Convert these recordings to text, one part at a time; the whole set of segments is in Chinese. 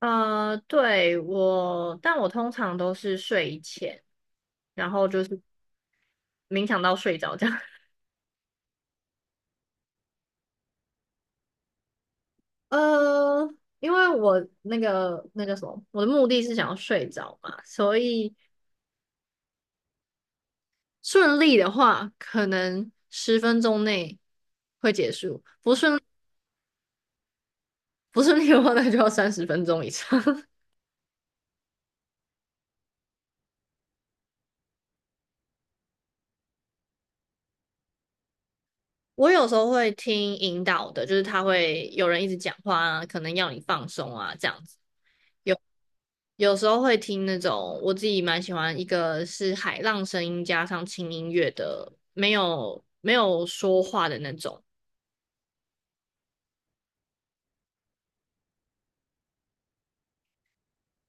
对，但我通常都是睡前，然后就是冥想到睡着这样。呃，因为我那个什么，我的目的是想要睡着嘛，所以顺利的话，可能十分钟内会结束；不顺利的话，那就要30分钟以上。我有时候会听引导的，就是他会有人一直讲话啊，可能要你放松啊，这样子。有时候会听那种我自己蛮喜欢，一个是海浪声音加上轻音乐的，没有说话的那种。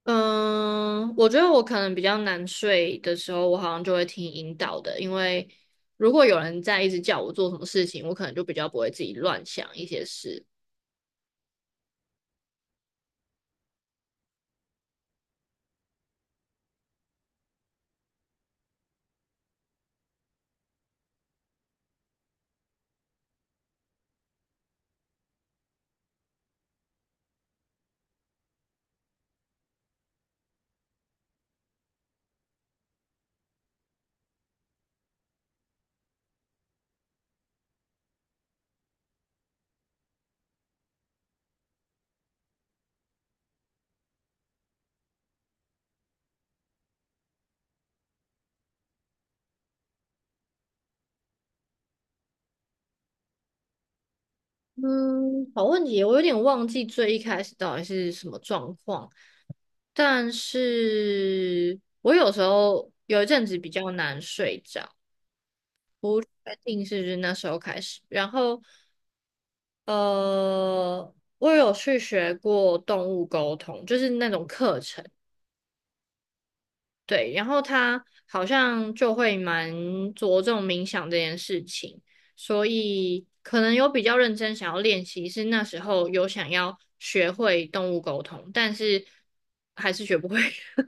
嗯，我觉得我可能比较难睡的时候，我好像就会听引导的，因为如果有人在一直叫我做什么事情，我可能就比较不会自己乱想一些事。嗯，好问题，我有点忘记最一开始到底是什么状况，但是我有时候有一阵子比较难睡着。确定是就是那时候开始，然后呃，我有去学过动物沟通，就是那种课程，对，然后他好像就会蛮着重冥想这件事情，所以可能有比较认真想要练习，是那时候有想要学会动物沟通，但是还是学不会。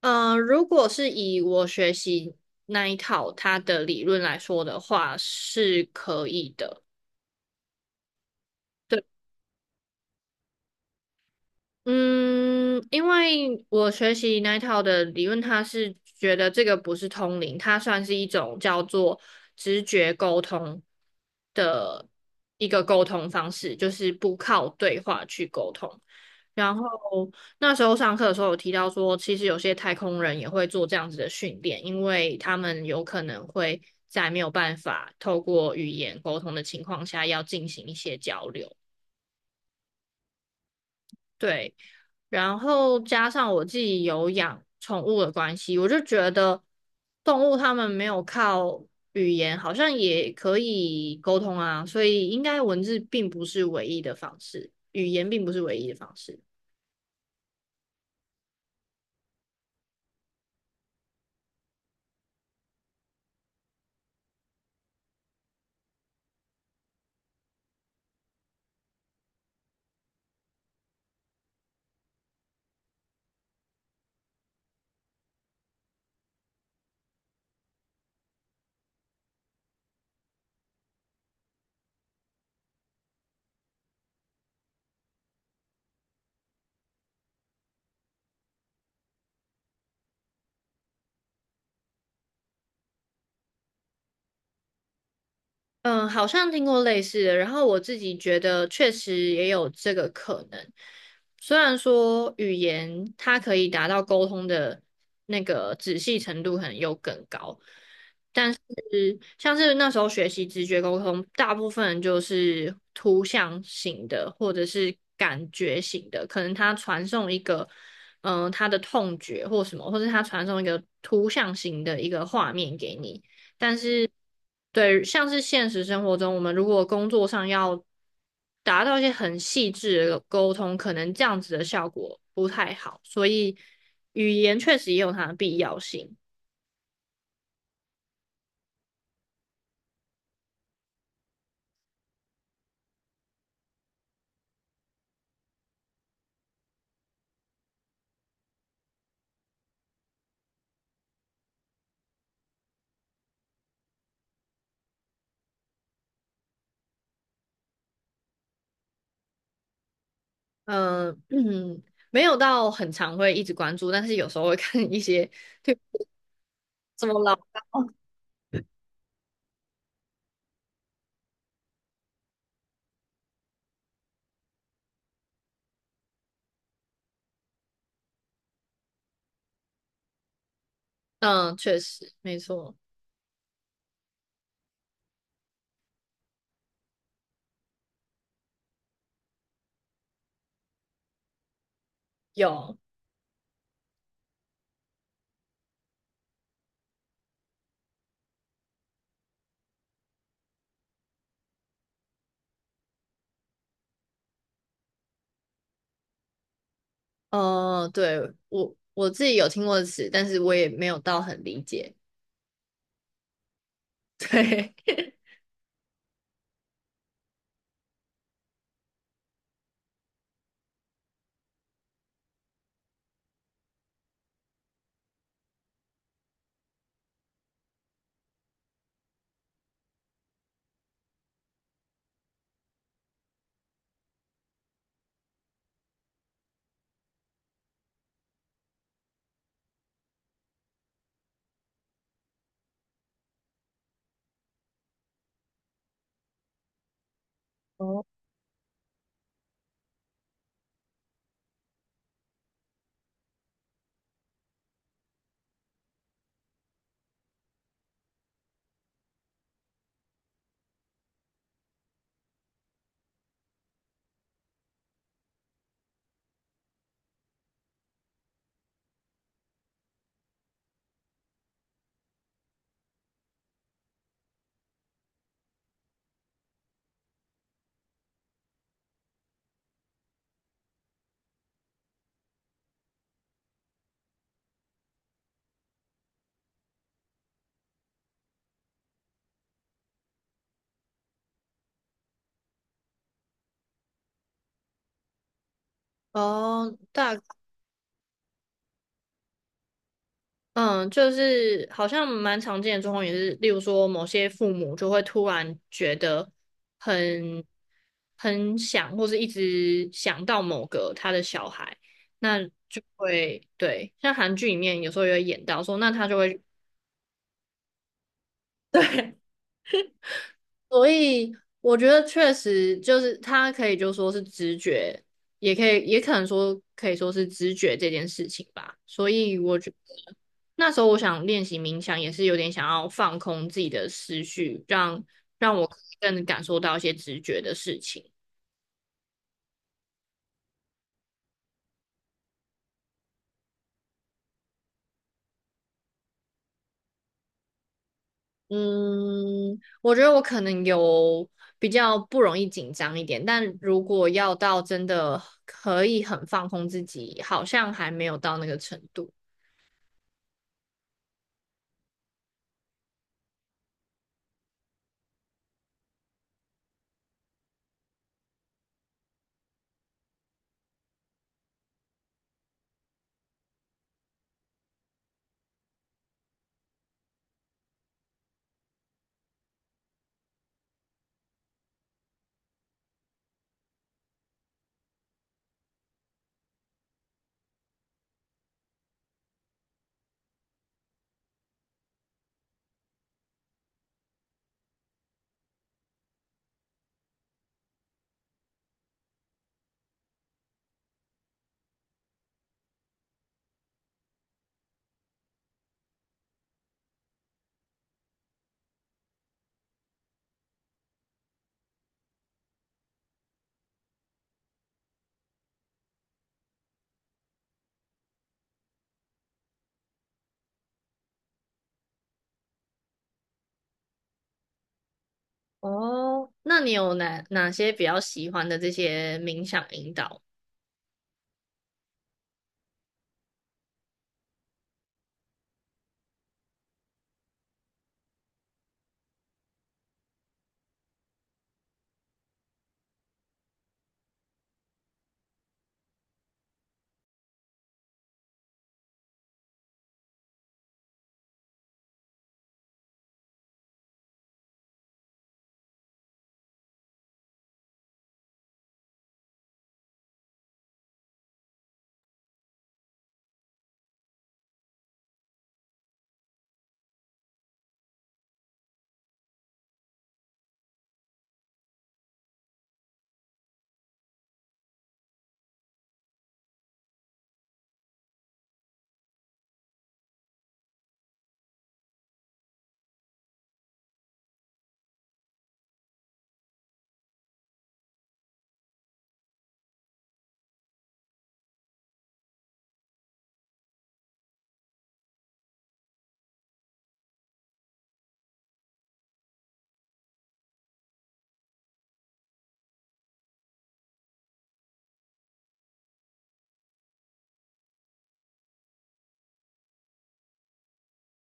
如果是以我学习那一套他的理论来说的话，是可以的。对。嗯，因为我学习那一套的理论，它是觉得这个不是通灵，它算是一种叫做直觉沟通的一个沟通方式，就是不靠对话去沟通。然后那时候上课的时候有提到说，其实有些太空人也会做这样子的训练，因为他们有可能会在没有办法透过语言沟通的情况下，要进行一些交流。对，然后加上我自己有养宠物的关系，我就觉得动物它们没有靠语言，好像也可以沟通啊，所以应该文字并不是唯一的方式，语言并不是唯一的方式。嗯，好像听过类似的，然后我自己觉得确实也有这个可能。虽然说语言它可以达到沟通的那个仔细程度可能又更高，但是像是那时候学习直觉沟通，大部分就是图像型的或者是感觉型的，可能他传送一个他的痛觉或什么，或者他传送一个图像型的一个画面给你。但是，对，像是现实生活中，我们如果工作上要达到一些很细致的沟通，可能这样子的效果不太好，所以语言确实也有它的必要性。嗯、嗯，没有到很常会一直关注，但是有时候会 看一些，对，怎么了？嗯，确实，没错，有。对，我自己有听过的词，但是我也没有到很理解。对，哦，就是好像蛮常见的状况也是，例如说某些父母就会突然觉得很很想，或是一直想到某个他的小孩，那就会对，像韩剧里面有时候也会演到说，那他就会 对，所以我觉得确实就是他可以就说是直觉，也可以也可能说可以说是直觉这件事情吧。所以那时候我想练习冥想，也是有点想要放空自己的思绪，让我更感受到一些直觉的事情。嗯，我觉得我可能有比较不容易紧张一点，但如果要到真的可以很放空自己，好像还没有到那个程度。哦，那你有哪些比较喜欢的这些冥想引导？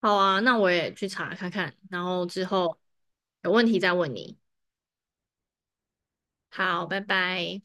好啊，那我也去查看看，然后之后有问题再问你。好，拜拜。